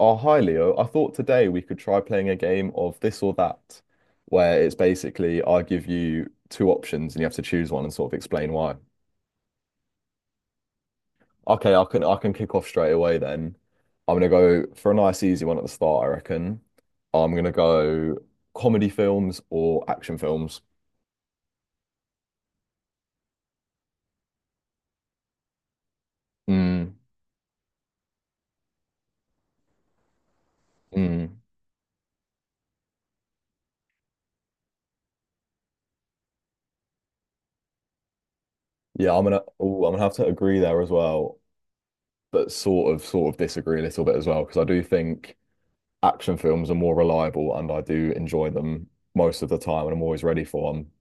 Oh, hi Leo. I thought today we could try playing a game of this or that, where it's basically I give you two options and you have to choose one and sort of explain why. Okay, I can kick off straight away then. I'm gonna go for a nice easy one at the start, I reckon. I'm gonna go comedy films or action films. Mm, mm. Yeah, I'm gonna have to agree there as well, but sort of disagree a little bit as well, because I do think action films are more reliable and I do enjoy them most of the time and I'm always ready for them.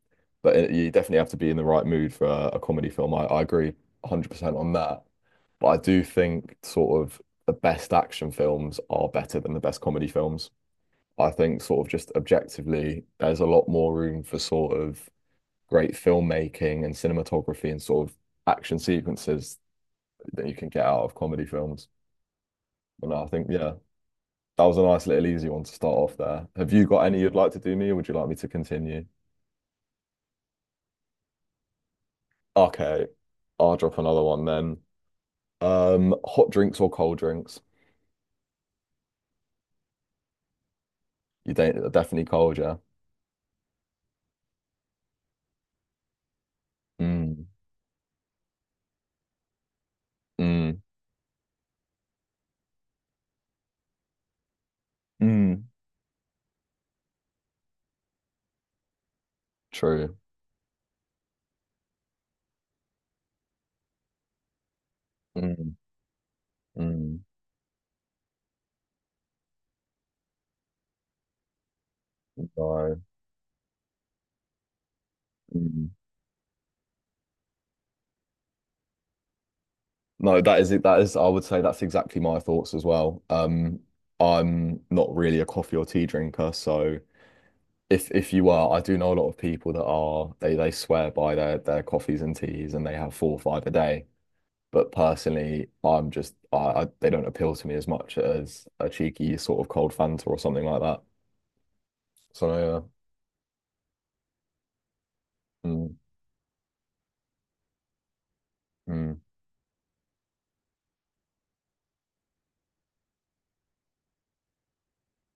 But you definitely have to be in the right mood for a comedy film. I agree 100% on that. But I do think sort of the best action films are better than the best comedy films. I think sort of just objectively, there's a lot more room for sort of great filmmaking and cinematography and sort of action sequences that you can get out of comedy films. And I think, yeah, that was a nice little easy one to start off there. Have you got any you'd like to do me, or would you like me to continue? Okay, I'll drop another one then. Hot drinks or cold drinks? You don't Definitely cold, yeah. Mm, mm, mm. True. Mm, mm. No. Mm. No, that is it. I would say that's exactly my thoughts as well. I'm not really a coffee or tea drinker, so if you are, I do know a lot of people that are they swear by their coffees and teas and they have four or five a day. But personally, I'm just I they don't appeal to me as much as a cheeky sort of cold Fanta or something like that. So yeah, mm, mm,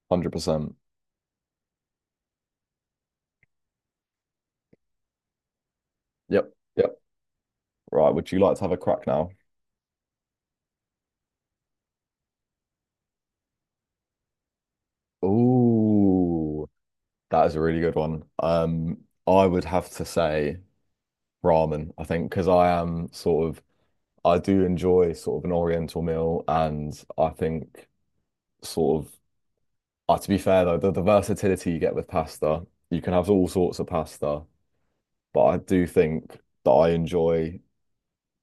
100%. Yep, yep. Right, would you like to have a crack now? Ooh, that is a really good one. I would have to say ramen, I think, because I do enjoy sort of an oriental meal, and I think sort of to be fair though, the versatility you get with pasta, you can have all sorts of pasta. But I do think that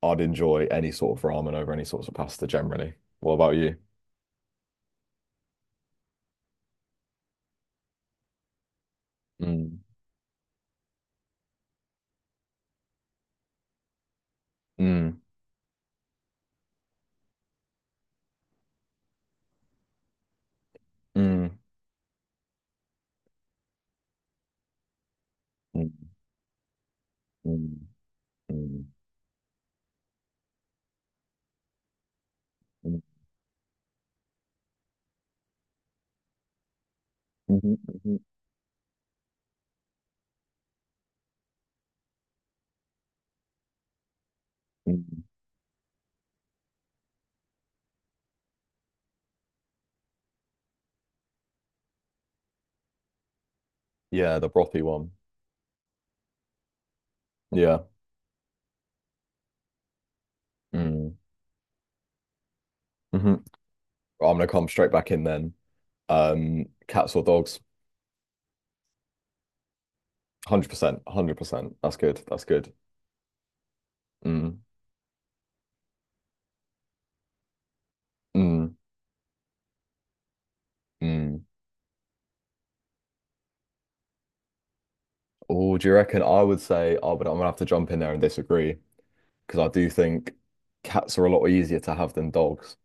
I'd enjoy any sort of ramen over any sorts of pasta generally. What about you? Mm, mm, mm, mm, mm, mm, mm, mhm, mhm, mm. Yeah, the brothy one. Yeah. Mm. Hmm. I'm gonna come straight back in then. Cats or dogs? 100%, 100%. That's good. That's good. Mm, mm, mm. Oh, do you reckon I would say I would I'm gonna have to jump in there and disagree, because I do think cats are a lot easier to have than dogs.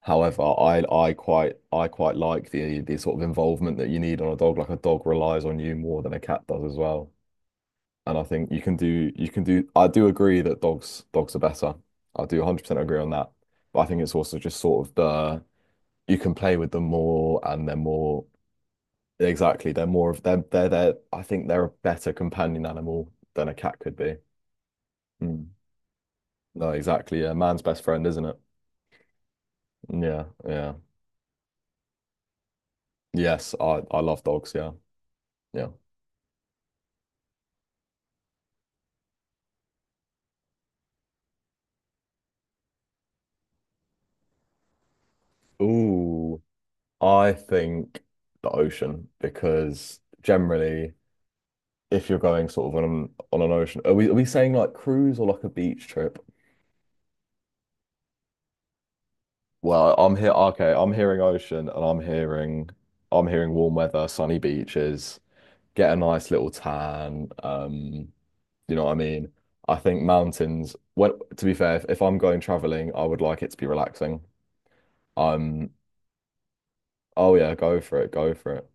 However, I quite like the sort of involvement that you need on a dog. Like a dog relies on you more than a cat does as well. And I think you can do I do agree that dogs are better. I do 100% agree on that. But I think it's also just sort of the you can play with them more, and they're more, exactly, they're more of they're I think they're a better companion animal than a cat could be. Mm. No, exactly. Yeah, man's best friend, isn't it? Yeah, yeah. Yes, I love dogs. Yeah, yeah. Ooh. I think the ocean, because generally, if you're going sort of on an ocean, are we saying like cruise or like a beach trip? Well, I'm here. Okay, I'm hearing ocean and I'm hearing warm weather, sunny beaches, get a nice little tan. You know what I mean? I think mountains. Well, to be fair, if I'm going traveling, I would like it to be relaxing. Um, oh yeah, go for it, go for it.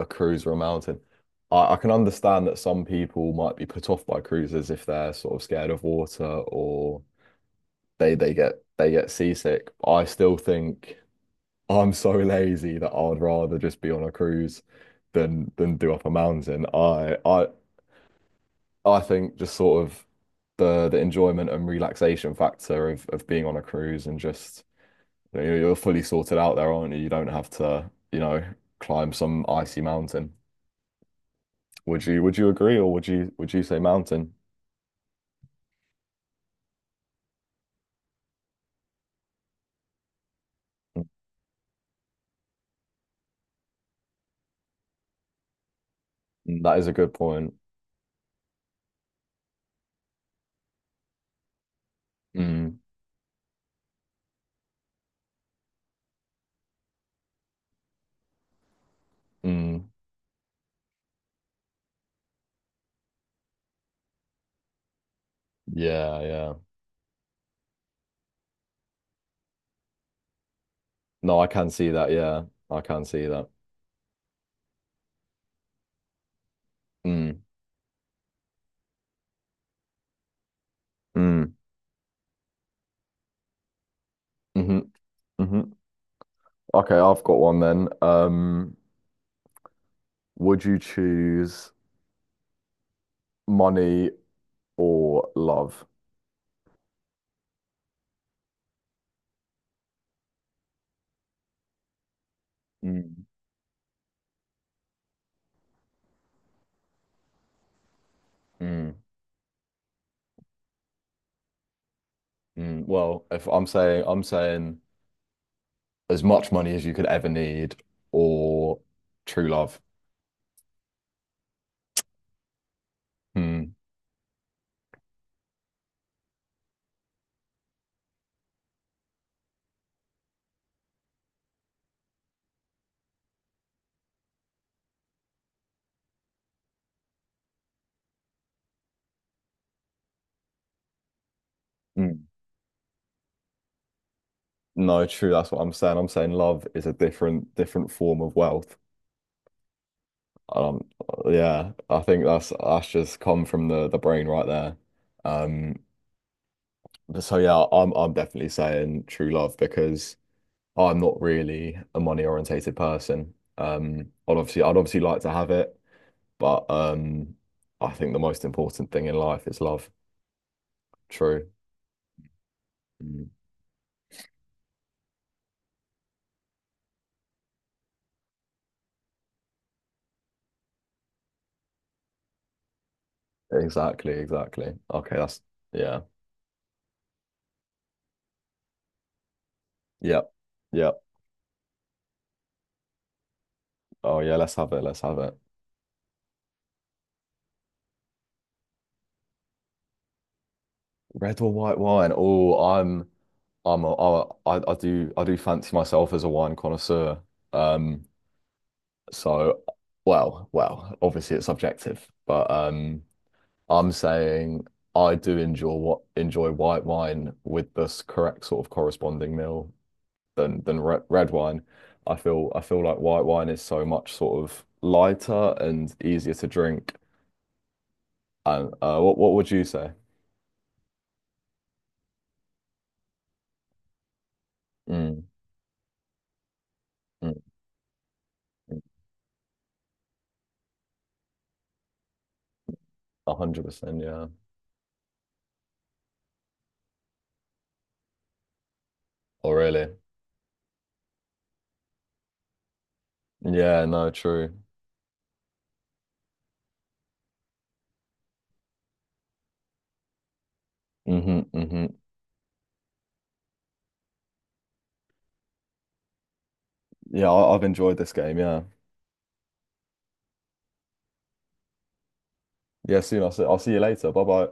A cruise or a mountain. I can understand that some people might be put off by cruises if they're sort of scared of water or they get seasick. I still think I'm so lazy that I'd rather just be on a cruise than do up a mountain. I think just sort of the enjoyment and relaxation factor of being on a cruise, and just, you're fully sorted out there, aren't you? You don't have to climb some icy mountain. Would you agree, or would you say mountain? Mm. That is a good point. Mm, mm, yeah, yeah. No, I can see that. Yeah, I can see that. Mm, mm, hmm, hmm. Okay, I've got one then. Would you choose money or love? Mm, mm, mm. Well, if I'm saying as much money as you could ever need, or true love. Mm, mm. No, true. That's what I'm saying. I'm saying love is a different form of wealth. Um, yeah, I think that's just come from the brain right there. Um, but so yeah, I'm definitely saying true love, because I'm not really a money orientated person. I'd obviously like to have it, but I think the most important thing in life is love. True. Mm. Exactly, exactly. Okay, that's yeah. Yep. Yep. Oh yeah, let's have it. Let's have it. Red or white wine? Oh, I'm a, I do fancy myself as a wine connoisseur. Um, so, well, obviously it's subjective, but I'm saying I do enjoy what enjoy white wine with this correct sort of corresponding meal, than red wine. I feel like white wine is so much sort of lighter and easier to drink. And what would you say? Mm, mm, 100%, yeah. Oh, really? Yeah, no, true. Hmm, hmm. Yeah, I've enjoyed this game. Yeah. Yeah, soon. I'll see you later. Bye bye.